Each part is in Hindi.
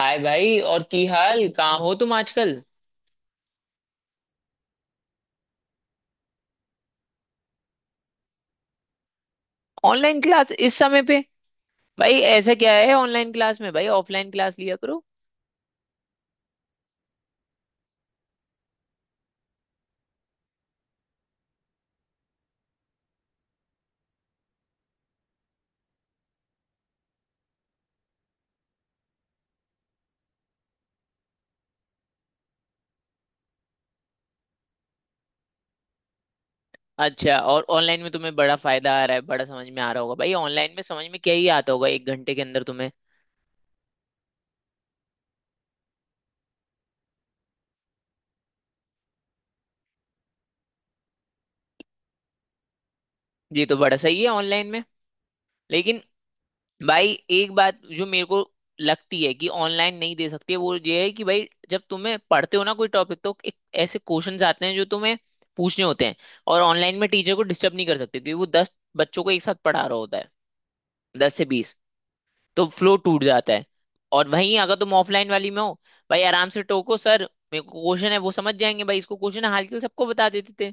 हाय भाई, और की हाल? कहाँ हो तुम आजकल? ऑनलाइन क्लास इस समय पे? भाई ऐसा क्या है ऑनलाइन क्लास में? भाई ऑफलाइन क्लास लिया करो। अच्छा, और ऑनलाइन में तुम्हें बड़ा फायदा आ रहा है? बड़ा समझ में आ रहा होगा? भाई ऑनलाइन में समझ में क्या ही आता होगा एक घंटे के अंदर तुम्हें। ये तो बड़ा सही है ऑनलाइन में। लेकिन भाई, एक बात जो मेरे को लगती है कि ऑनलाइन नहीं दे सकती है वो ये है कि भाई जब तुम्हें पढ़ते हो ना कोई टॉपिक, तो एक ऐसे क्वेश्चंस आते हैं जो तुम्हें पूछने होते हैं। और ऑनलाइन में टीचर को डिस्टर्ब नहीं कर सकते, क्योंकि वो दस बच्चों को एक साथ पढ़ा रहा होता है, दस से बीस, तो फ्लो टूट जाता है। और वहीं अगर तुम ऑफलाइन वाली में हो, भाई आराम से टोको, सर, मेरे को क्वेश्चन है, वो समझ जाएंगे भाई इसको क्वेश्चन है, हाल के लिए सबको बता देते थे।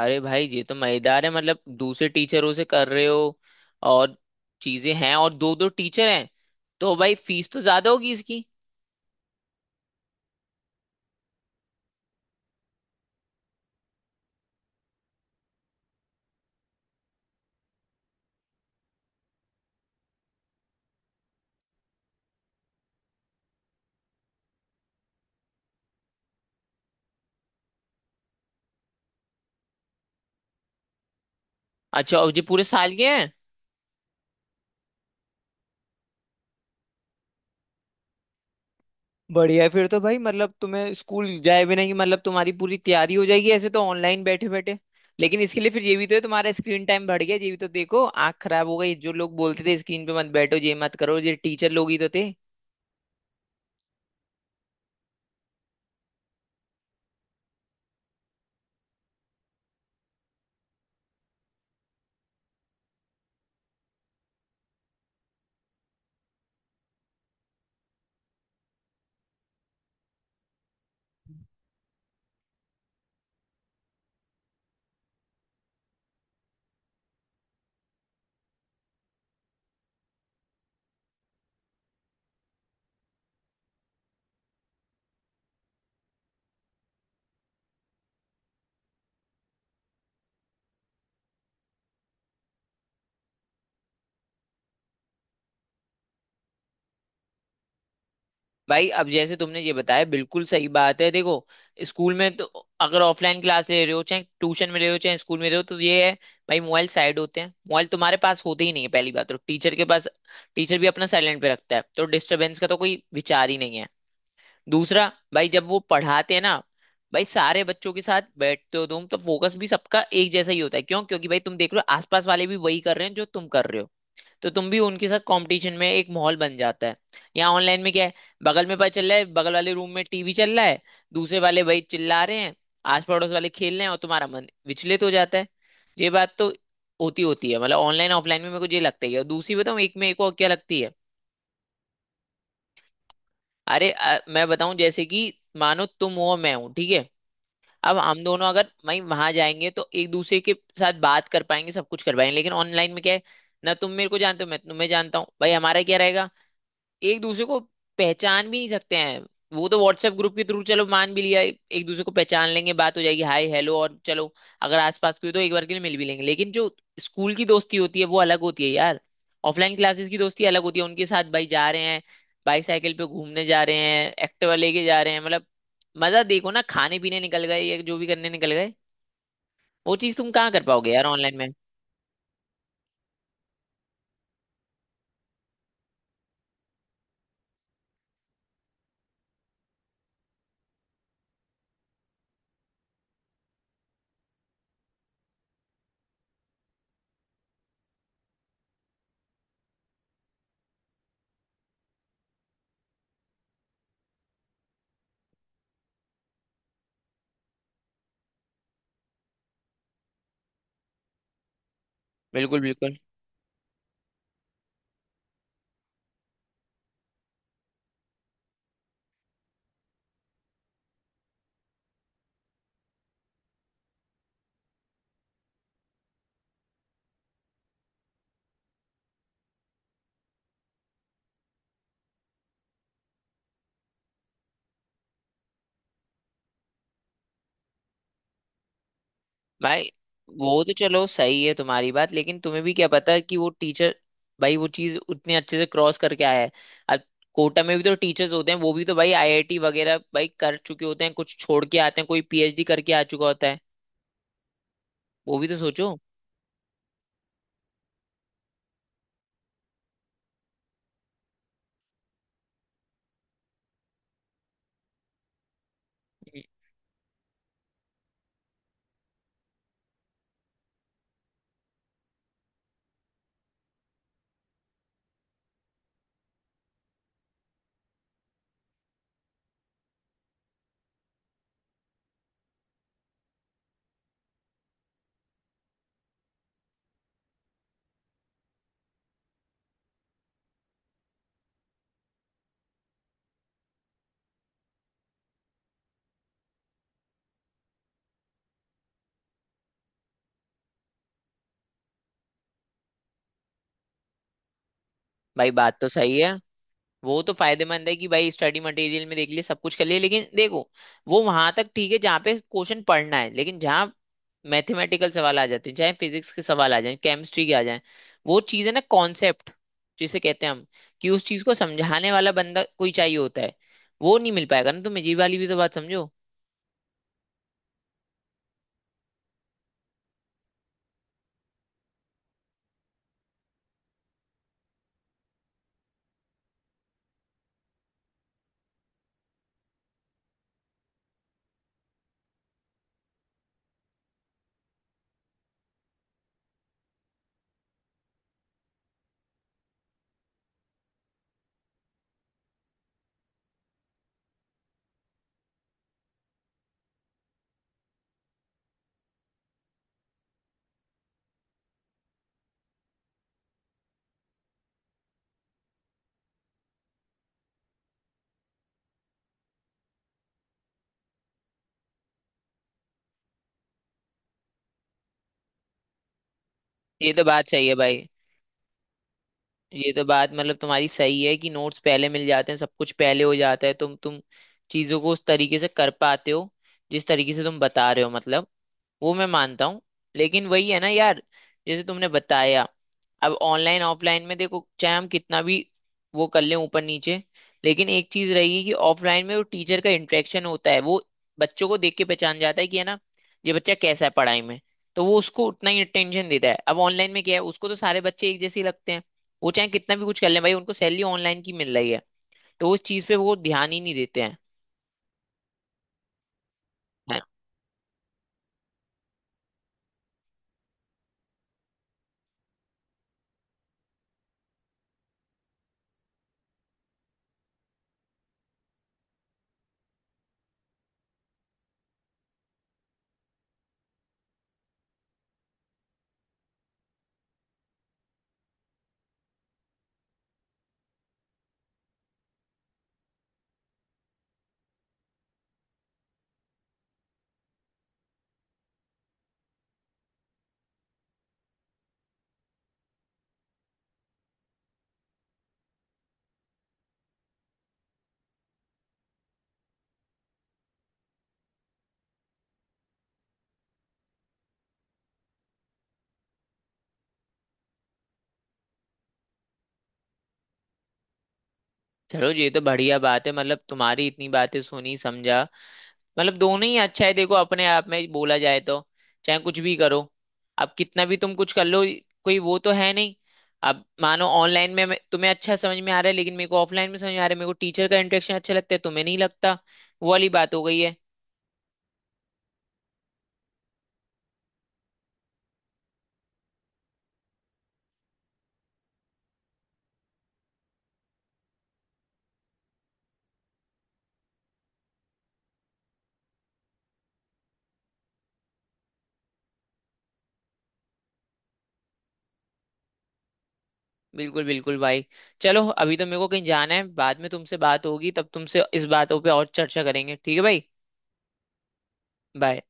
अरे भाई ये तो मजेदार है, मतलब दूसरे टीचरों से कर रहे हो और चीजें हैं, और दो दो टीचर हैं? तो भाई फीस तो ज्यादा होगी इसकी। अच्छा, और ये पूरे साल के हैं? बढ़िया है, फिर तो भाई मतलब तुम्हें स्कूल जाए बिना ही मतलब तुम्हारी पूरी तैयारी हो जाएगी ऐसे, तो ऑनलाइन बैठे बैठे। लेकिन इसके लिए फिर ये भी तो है, तुम्हारा स्क्रीन टाइम बढ़ गया, ये भी तो देखो, आंख खराब हो गई। जो लोग बोलते थे स्क्रीन पे मत बैठो, ये मत करो, ये टीचर लोग ही तो थे। भाई अब जैसे तुमने ये बताया, बिल्कुल सही बात है। देखो, स्कूल में तो, अगर ऑफलाइन क्लास ले रहे हो, चाहे ट्यूशन में रहे हो, चाहे स्कूल में रहे हो, तो ये है भाई, मोबाइल साइड होते हैं, मोबाइल तुम्हारे पास होते ही नहीं है पहली बात। तो टीचर के पास टीचर भी अपना साइलेंट पे रखता है, तो डिस्टरबेंस का तो कोई विचार ही नहीं है। दूसरा भाई, जब वो पढ़ाते हैं ना, भाई सारे बच्चों के साथ बैठते हो तुम, तो फोकस भी सबका एक जैसा ही होता है। क्यों? क्योंकि भाई तुम देख रहे हो आसपास वाले भी वही कर रहे हैं जो तुम कर रहे हो, तो तुम भी उनके साथ कंपटीशन में, एक माहौल बन जाता है। यहाँ ऑनलाइन में क्या है, बगल में पता चल रहा है बगल वाले रूम में टीवी चल रहा है, दूसरे वाले भाई चिल्ला रहे हैं, आस पड़ोस वाले खेल रहे हैं, और तुम्हारा मन विचलित हो जाता है। ये बात तो होती होती है, मतलब ऑनलाइन ऑफलाइन में मेरे को ये लगता ही है। और दूसरी बताऊँ, एक में एक और क्या लगती है। अरे मैं बताऊं जैसे कि, मानो तुम हो और मैं हूं, ठीक है? अब हम दोनों अगर वहीं वहां जाएंगे, तो एक दूसरे के साथ बात कर पाएंगे, सब कुछ कर पाएंगे। लेकिन ऑनलाइन में क्या है, ना तुम मेरे को जानते हो, मैं तुम्हें जानता हूँ, भाई हमारा क्या रहेगा, एक दूसरे को पहचान भी नहीं सकते हैं। वो तो व्हाट्सएप ग्रुप के थ्रू चलो मान भी लिया एक दूसरे को पहचान लेंगे, बात हो जाएगी, हाय हेलो, और चलो अगर आसपास कोई, तो एक बार के लिए मिल भी लेंगे। लेकिन जो स्कूल की दोस्ती होती है वो अलग होती है यार। ऑफलाइन क्लासेस की दोस्ती अलग होती है, उनके साथ भाई जा रहे हैं, बाईसाइकिल पे घूमने जा रहे हैं, एक्टिवा लेके जा रहे हैं, मतलब मजा देखो ना, खाने पीने निकल गए या जो भी करने निकल गए। वो चीज तुम कहाँ कर पाओगे यार ऑनलाइन में? बिल्कुल, बिल्कुल भाई। वो तो चलो सही है तुम्हारी बात, लेकिन तुम्हें भी क्या पता कि वो टीचर भाई वो चीज उतने अच्छे से क्रॉस करके आया है? अब कोटा में भी तो टीचर्स होते हैं, वो भी तो भाई आईआईटी वगैरह भाई कर चुके होते हैं, कुछ छोड़ के आते हैं, कोई पीएचडी करके आ चुका होता है, वो भी तो सोचो। हम्म। भाई बात तो सही है। वो तो फायदेमंद है कि भाई स्टडी मटेरियल में देख लिए सब कुछ कर लिए, लेकिन देखो, वो वहां तक ठीक है जहाँ पे क्वेश्चन पढ़ना है। लेकिन जहाँ मैथमेटिकल सवाल आ जाते हैं, चाहे फिजिक्स के सवाल आ जाए, केमिस्ट्री के आ जाए, वो चीज़ है ना कॉन्सेप्ट जिसे कहते हैं हम, कि उस चीज को समझाने वाला बंदा कोई चाहिए होता है, वो नहीं मिल पाएगा ना। तुम ये वाली भी तो बात समझो। ये तो बात सही है भाई। ये तो बात मतलब तुम्हारी सही है कि नोट्स पहले मिल जाते हैं, सब कुछ पहले हो जाता है, तुम चीजों को उस तरीके से कर पाते हो जिस तरीके से तुम बता रहे हो, मतलब वो मैं मानता हूँ। लेकिन वही है ना यार, जैसे तुमने बताया, अब ऑनलाइन ऑफलाइन में देखो, चाहे हम कितना भी वो कर लें ऊपर नीचे, लेकिन एक चीज रहेगी कि ऑफलाइन में वो टीचर का इंटरेक्शन होता है, वो बच्चों को देख के पहचान जाता है कि है ना, ये बच्चा कैसा है पढ़ाई में, तो वो उसको उतना ही अटेंशन देता है। अब ऑनलाइन में क्या है, उसको तो सारे बच्चे एक जैसे ही लगते हैं, वो चाहे कितना भी कुछ कर लें, भाई उनको सैलरी ऑनलाइन की मिल रही है, तो उस चीज पे वो ध्यान ही नहीं देते हैं। है। चलो, ये तो बढ़िया बात है, मतलब तुम्हारी इतनी बातें सुनी, समझा, मतलब दोनों ही अच्छा है। देखो, अपने आप में बोला जाए तो चाहे कुछ भी करो, अब कितना भी तुम कुछ कर लो, कोई वो तो है नहीं। अब मानो ऑनलाइन में तुम्हें अच्छा समझ में आ रहा है, लेकिन मेरे को ऑफलाइन में समझ में आ रहा है, मेरे को टीचर का इंटरेक्शन अच्छा लगता है, तो तुम्हें नहीं लगता, वो वाली बात हो गई है। बिल्कुल, बिल्कुल भाई। चलो, अभी तो मेरे को कहीं जाना है, बाद में तुमसे बात होगी, तब तुमसे इस बातों पे और चर्चा करेंगे, ठीक है भाई? बाय।